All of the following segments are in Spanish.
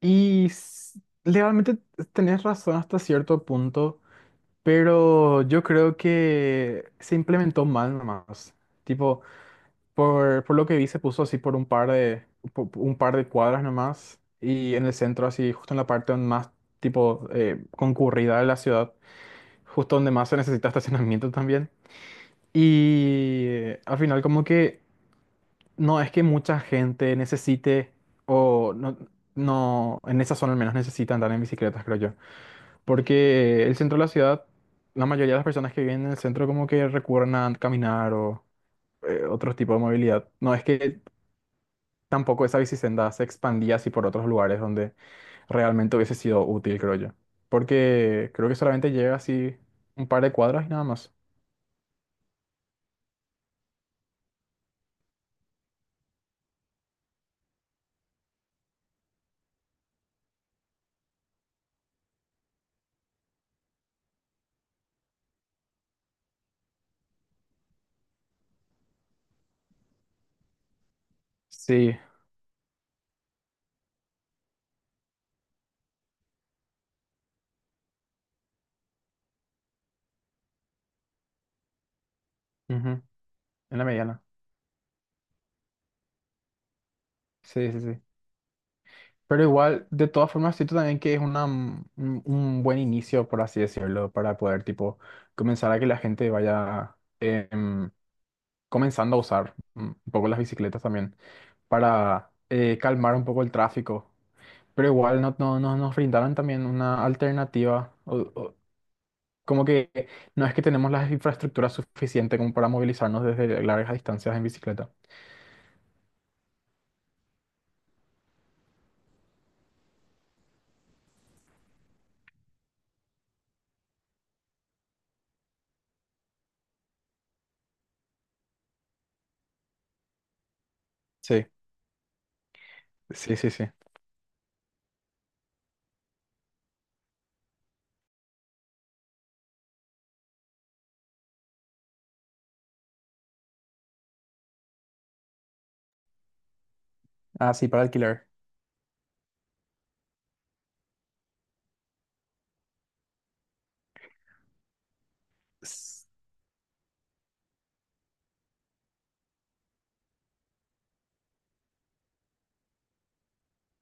Y legalmente tenés razón hasta cierto punto, pero yo creo que se implementó mal nomás. Tipo, por lo que vi, se puso así por un par de, un par de cuadras nomás y en el centro, así justo en la parte donde más tipo concurrida de la ciudad, justo donde más se necesita estacionamiento también. Y al final como que no es que mucha gente necesite o no, no en esa zona al menos necesita andar en bicicletas, creo yo. Porque el centro de la ciudad, la mayoría de las personas que viven en el centro como que recurren a caminar o otro tipo de movilidad. No es que tampoco esa bicisenda se expandía así por otros lugares donde realmente hubiese sido útil, creo yo. Porque creo que solamente llega así un par de cuadras y nada más. Sí, ujú, en la mediana. Sí, sí, sí. Pero igual, de todas formas, siento también que es una, un buen inicio, por así decirlo, para poder, tipo, comenzar a que la gente vaya comenzando a usar un poco las bicicletas también para calmar un poco el tráfico. Pero igual no nos brindaron también una alternativa. Como que no es que tenemos las infraestructuras suficientes como para movilizarnos desde largas distancias en bicicleta. Sí, sí, sí, sí. Ah, sí, para alquilar. S-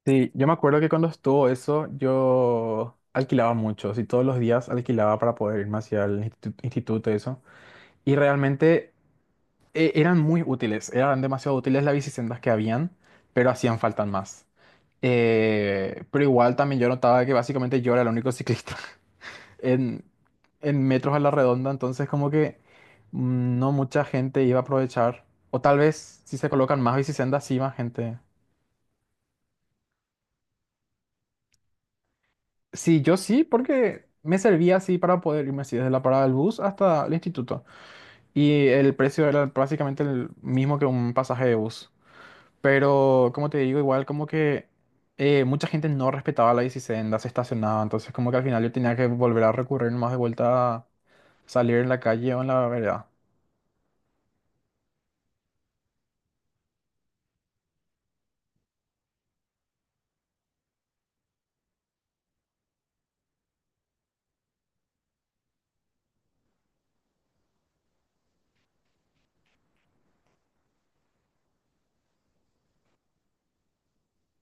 Sí, yo me acuerdo que cuando estuvo eso, yo alquilaba mucho, y todos los días alquilaba para poder irme hacia el instituto y eso. Y realmente eran muy útiles, eran demasiado útiles las bicisendas que habían, pero hacían falta más. Pero igual también yo notaba que básicamente yo era el único ciclista en, en metros a la redonda, entonces como que no mucha gente iba a aprovechar. O tal vez si se colocan más bicisendas, sí, más gente. Sí, yo sí, porque me servía así para poder irme así desde la parada del bus hasta el instituto. Y el precio era básicamente el mismo que un pasaje de bus. Pero, como te digo, igual como que mucha gente no respetaba la bicisendas, se estacionaba, entonces como que al final yo tenía que volver a recurrir más de vuelta a salir en la calle o en la vereda.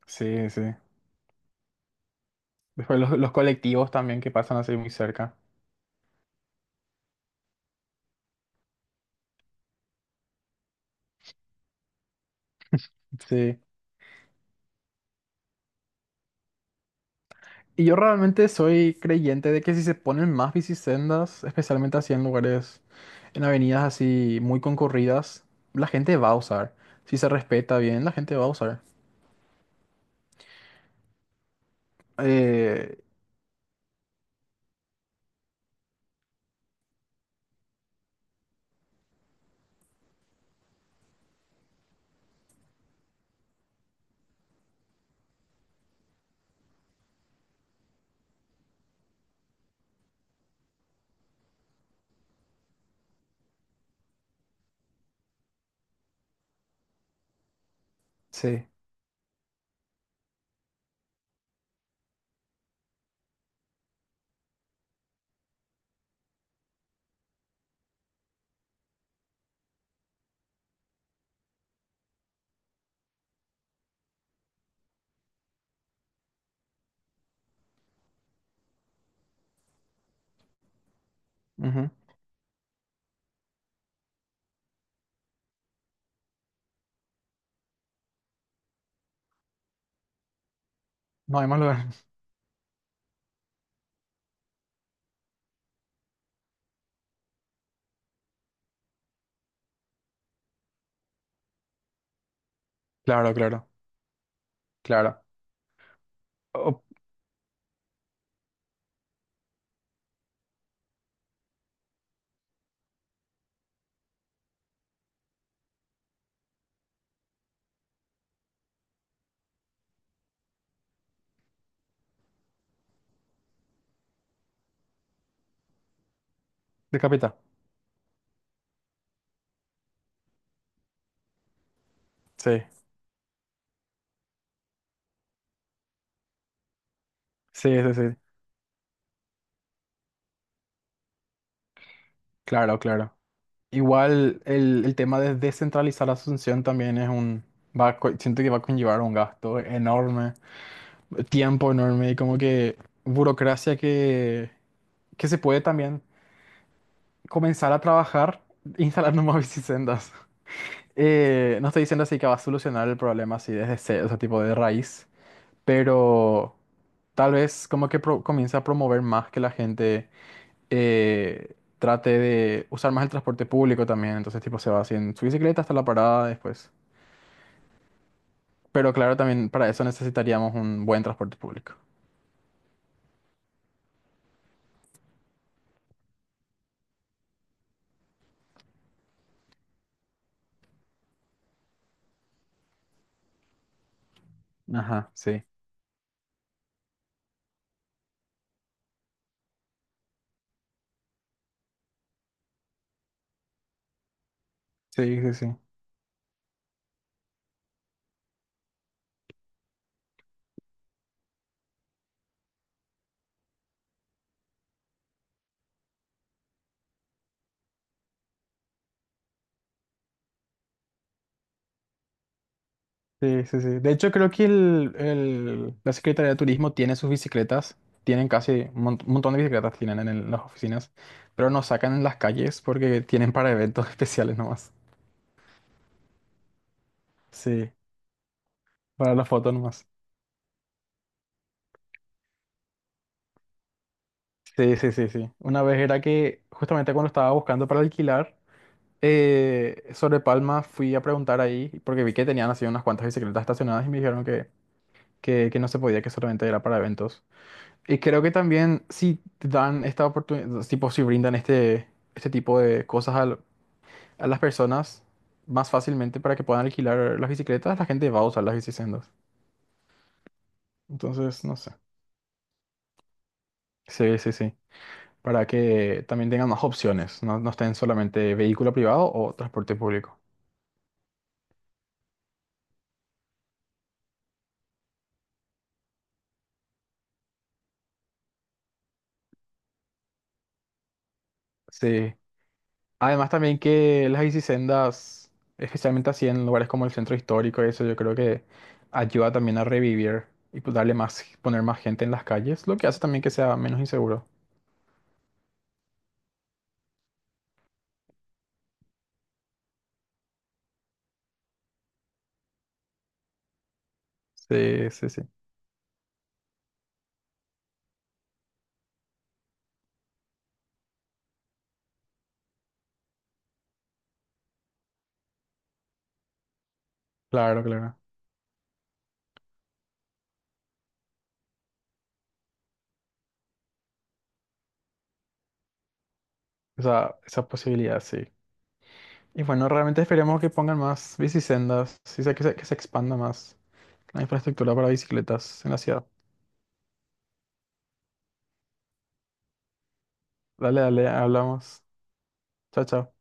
Sí, sí. Después los colectivos también que pasan así muy cerca. Sí. Y yo realmente soy creyente de que si se ponen más bicisendas, especialmente así en lugares, en avenidas así muy concurridas, la gente va a usar. Si se respeta bien, la gente va a usar. Eh, sí. Ujú. No hay más lugar. Claro, claro, claro. Oh, decapita. Sí, sí, sí, sí. Claro, claro. Igual el tema de descentralizar Asunción también es un... Va, siento que va a conllevar un gasto enorme, tiempo enorme y como que burocracia que se puede también comenzar a trabajar instalando más bicisendas. No estoy diciendo así que va a solucionar el problema así desde cero, ese tipo de raíz, pero tal vez como que comienza a promover más que la gente trate de usar más el transporte público también. Entonces, tipo, se va así en su bicicleta hasta la parada después. Pero claro, también para eso necesitaríamos un buen transporte público. Ajá, sí. Sí, sí, sí. Sí, sí, sí. De hecho, creo que la Secretaría de Turismo tiene sus bicicletas. Tienen casi un un montón de bicicletas tienen en las oficinas, pero no sacan en las calles porque tienen para eventos especiales nomás. Sí, para las fotos nomás. Sí, sí, sí, sí. Una vez era que justamente cuando estaba buscando para alquilar, sobre Palma fui a preguntar ahí porque vi que tenían así unas cuantas bicicletas estacionadas y me dijeron que, que no se podía, que solamente era para eventos. Y creo que también si dan esta oportunidad, tipo si brindan este, este tipo de cosas a las personas más fácilmente para que puedan alquilar las bicicletas, la gente va a usar las bicisendas. Entonces, no sé. Sí, sí, sí. Para que también tengan más opciones, no estén solamente vehículo privado o transporte público. Sí. Además también que las bicisendas, especialmente así en lugares como el centro histórico, eso yo creo que ayuda también a revivir y pues darle más, poner más gente en las calles, lo que hace también que sea menos inseguro. Sí, sí, sí. Claro, claro. Esa posibilidad, sí. Y bueno, realmente esperemos que pongan más bicisendas, sí, que se expanda más la infraestructura para bicicletas en la ciudad. Dale, dale, hablamos. Chao, chao.